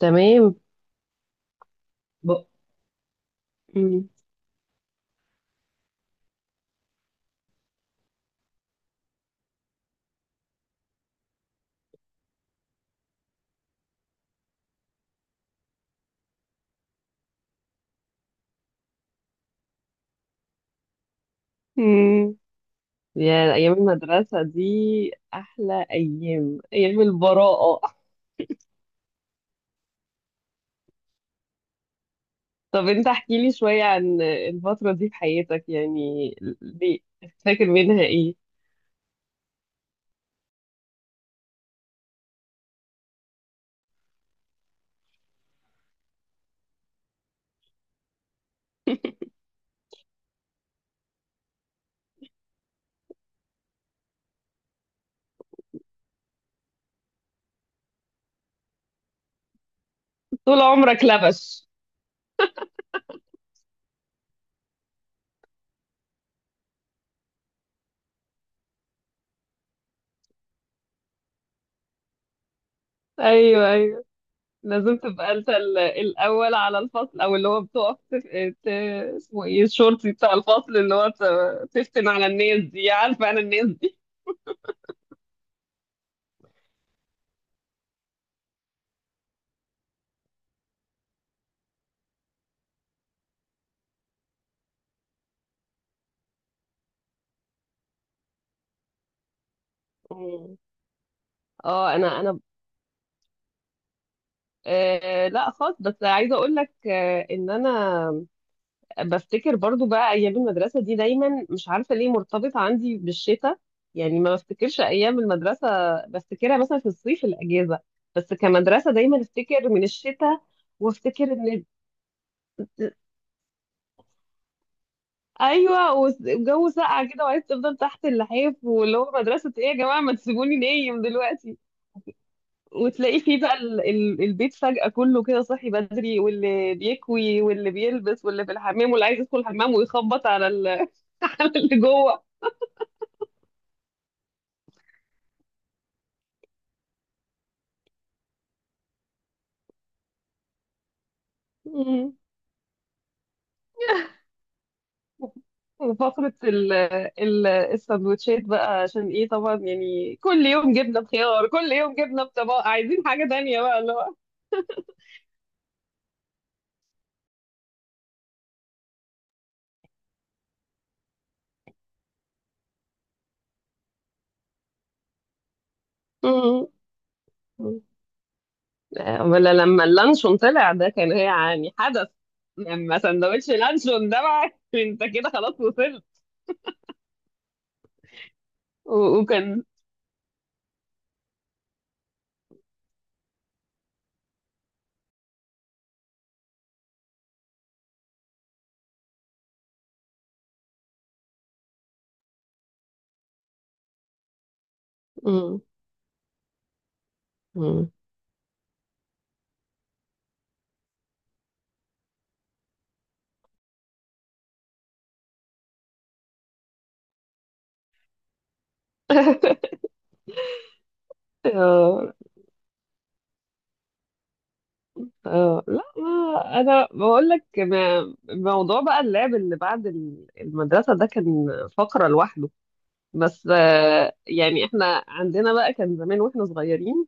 تمام. ب- مم. مم. يا أيام المدرسة دي، أحلى أيام، أيام البراءة. طب أنت احكي لي شوية عن الفترة دي في حياتك يعني. ليه؟ فاكر منها إيه؟ طول عمرك لبش. أيوه، أيوه، لازم تبقى أنت الأول على الفصل، أو اللي هو بتقف اسمه إيه، الشرطي بتاع الفصل، اللي هو تفتن على الناس دي، عارفة أنا الناس دي. مم. اه، انا آه لا خالص، بس عايزه اقول لك ان انا بفتكر برضو بقى ايام المدرسه دي دايما مش عارفه ليه مرتبطه عندي بالشتاء. يعني ما بفتكرش ايام المدرسه، بفتكرها مثلا في الصيف الاجازه. بس كمدرسه دايما افتكر من الشتاء. وافتكر ان. ايوه، والجو ساقع كده، وعايز تفضل تحت اللحاف، واللي هو مدرسه ايه يا جماعه، ما تسيبوني نايم دلوقتي. وتلاقي فيه بقى البيت فجأة كله كده صاحي بدري، واللي بيكوي، واللي بيلبس، واللي في الحمام، واللي عايز يدخل الحمام ويخبط على على اللي جوه. مم. وفقرة السندوتشات بقى، عشان ايه طبعا يعني كل يوم جبنة بخيار، كل يوم جبنة بطباق، عايزين حاجة تانية بقى اللي هو. مم. مم. ولا لما اللانشون طلع ده كان يعني حدث. لما سندوتش لانشون ده بقى انت كده خلاص وصلت. وكان. مم. مم. آه آه لا، ما انا بقول لك موضوع بقى اللعب اللي بعد المدرسه ده كان فقره لوحده. بس يعني احنا عندنا بقى، كان زمان واحنا صغيرين،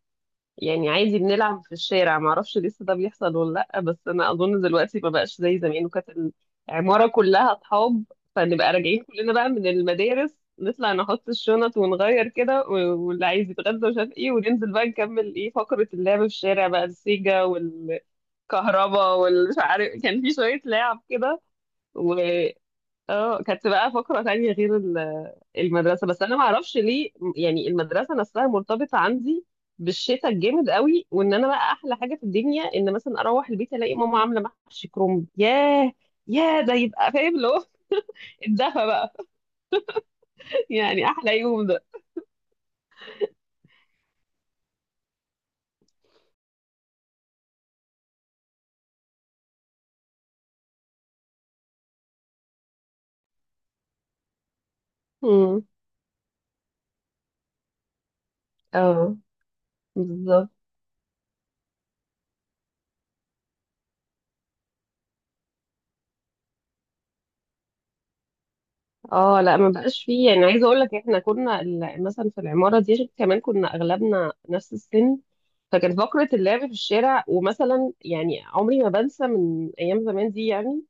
يعني عادي بنلعب في الشارع، ما اعرفش لسه ده بيحصل ولا لا، بس انا اظن دلوقتي ما بقاش زي زمان. وكانت العماره كلها اصحاب، فنبقى راجعين كلنا بقى من المدارس، نطلع نحط الشنط ونغير كده، واللي عايز يتغدى مش عارف ايه، وننزل بقى نكمل ايه فقرة اللعب في الشارع بقى، السيجا كهربا والمش عارف، كان في شوية لعب كده. و اه كانت بقى فقرة تانية غير المدرسة، بس أنا معرفش ليه يعني المدرسة نفسها مرتبطة عندي بالشتاء الجامد قوي. وإن أنا بقى أحلى حاجة في الدنيا، إن مثلا أروح البيت ألاقي ماما عاملة محشي كرنب. ياه، ياه، ده يبقى فاهم اللي هو الدفى بقى. يعني أحلى يوم ده. امم. اه. بالظبط. اه لا، ما بقاش فيه، يعني عايزه اقول لك احنا كنا مثلا في العماره دي، عشان كمان كنا اغلبنا نفس السن. فكانت فقره اللعب في الشارع، ومثلا يعني عمري ما بنسى من ايام زمان دي يعني.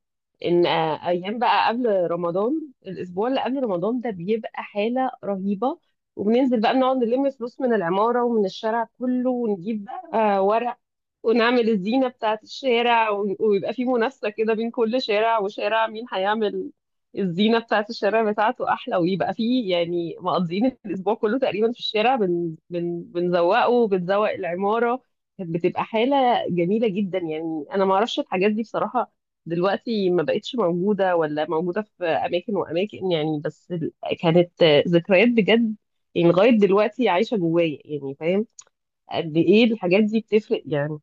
ان ايام بقى قبل رمضان، الاسبوع اللي قبل رمضان ده بيبقى حاله رهيبه. وبننزل بقى نقعد نلم فلوس من العماره ومن الشارع كله، ونجيب بقى ورق، ونعمل الزينة بتاعة الشارع، ويبقى في منافسة كده بين كل شارع وشارع، مين هيعمل الزينة بتاعة الشارع بتاعته أحلى. ويبقى في يعني مقضيين الأسبوع كله تقريبا في الشارع بن بن بنزوقه بنزوق العمارة. كانت بتبقى حالة جميلة جدا، يعني أنا معرفش الحاجات دي بصراحة دلوقتي ما بقتش موجودة، ولا موجودة في أماكن وأماكن يعني، بس كانت ذكريات بجد. يعني لغاية دلوقتي عايشة جوايا، يعني فاهم قد إيه الحاجات دي بتفرق يعني.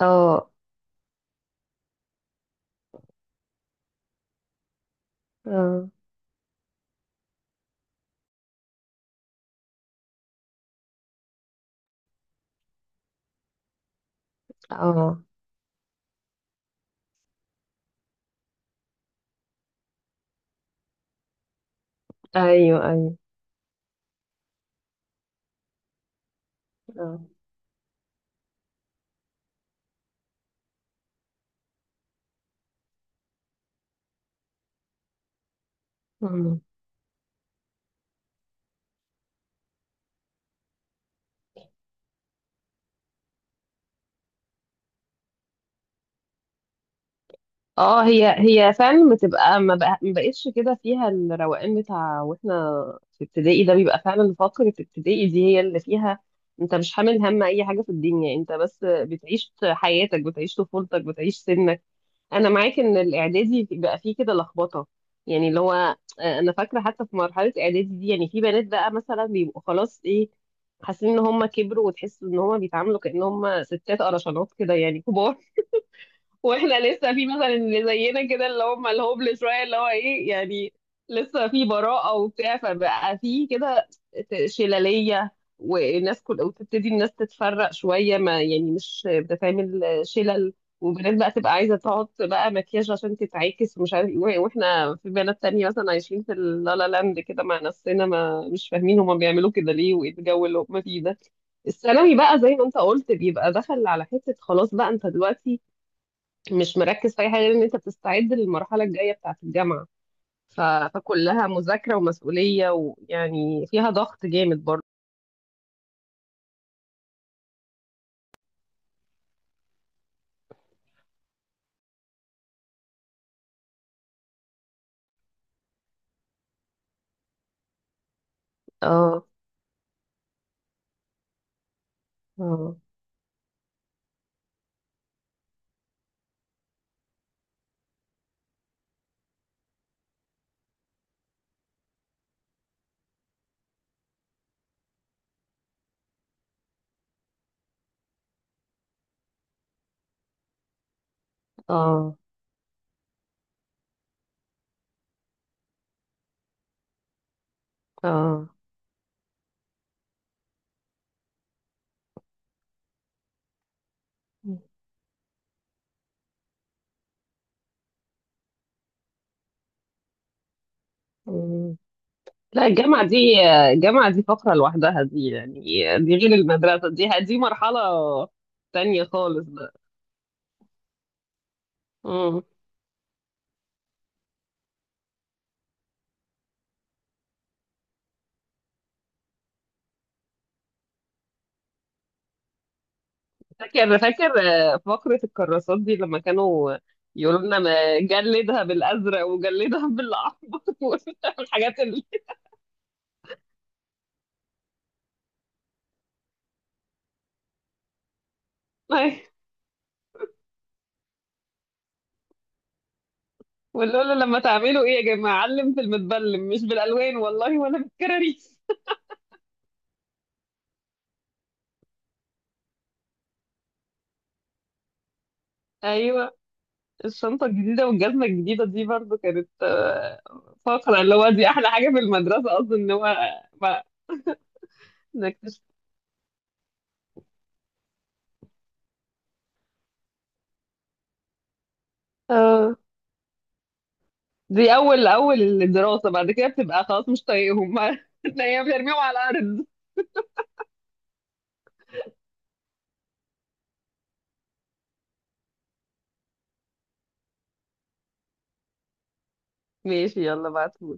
اه. اه. اه. ايوه، ايوه. اه. مم. اه، هي هي فعلا بتبقى ما بقتش كده فيها الروقان بتاع، واحنا في ابتدائي ده بيبقى فعلا فقرة ابتدائي دي هي اللي فيها انت مش حامل هم اي حاجة في الدنيا، انت بس بتعيش حياتك، بتعيش طفولتك، بتعيش سنك. انا معاك ان الاعدادي بقى فيه كده لخبطه، يعني اللي هو انا فاكره حتى في مرحله اعدادي دي، يعني في بنات بقى مثلا بيبقوا خلاص ايه، حاسين ان هم كبروا، وتحس ان هم بيتعاملوا كأن هم ستات قرشانات كده يعني كبار. واحنا لسه في مثلا اللي زينا كده، اللي هم الهوبلس شويه، اللي هو ايه يعني، لسه في براءة وبتاع، فبقى في كده شلالية. والناس كل، وتبتدي الناس تتفرق شوية، ما يعني مش بتتعمل شلل. وبنات بقى تبقى عايزة تحط بقى مكياج عشان تتعاكس ومش عارف ايه، واحنا في بنات تانية مثلا عايشين في اللالا لاند كده مع نفسنا، ما مش فاهمين هما بيعملوا كده ليه وايه الجو اللي هما فيه ده. الثانوي بقى زي ما انت قلت بيبقى دخل على حتة خلاص بقى، انت دلوقتي مش مركز في اي حاجه غير ان انت بتستعد للمرحله الجايه بتاعه الجامعه. ف... فكلها مذاكره ومسؤوليه، ويعني فيها ضغط جامد برضه. اه. اه. اه. اه. مم. لا الجامعه دي، الجامعه دي فقره لوحدها دي يعني، دي غير المدرسه دي. دي مرحله تانية خالص بقى. مم. فاكر فاكر فقره الكراسات دي، لما كانوا يقولوا لنا ما جلدها بالازرق وجلدها بالاحمر. والحاجات اللي ونقول له لما تعملوا ايه يا جماعه، علم في المتبلم، مش بالالوان والله ولا بالكراريس. ايوه الشنطه الجديده والجزمه الجديده دي برضو كانت فقره، اللي هو دي احلى حاجه في المدرسه اصلا، ان هو ما- نكتشف اه. دي اول اول الدراسه، بعد كده بتبقى خلاص مش طايقهم. تلاقيهم بيرميهم على الارض. ماشي، يلا بعتوا.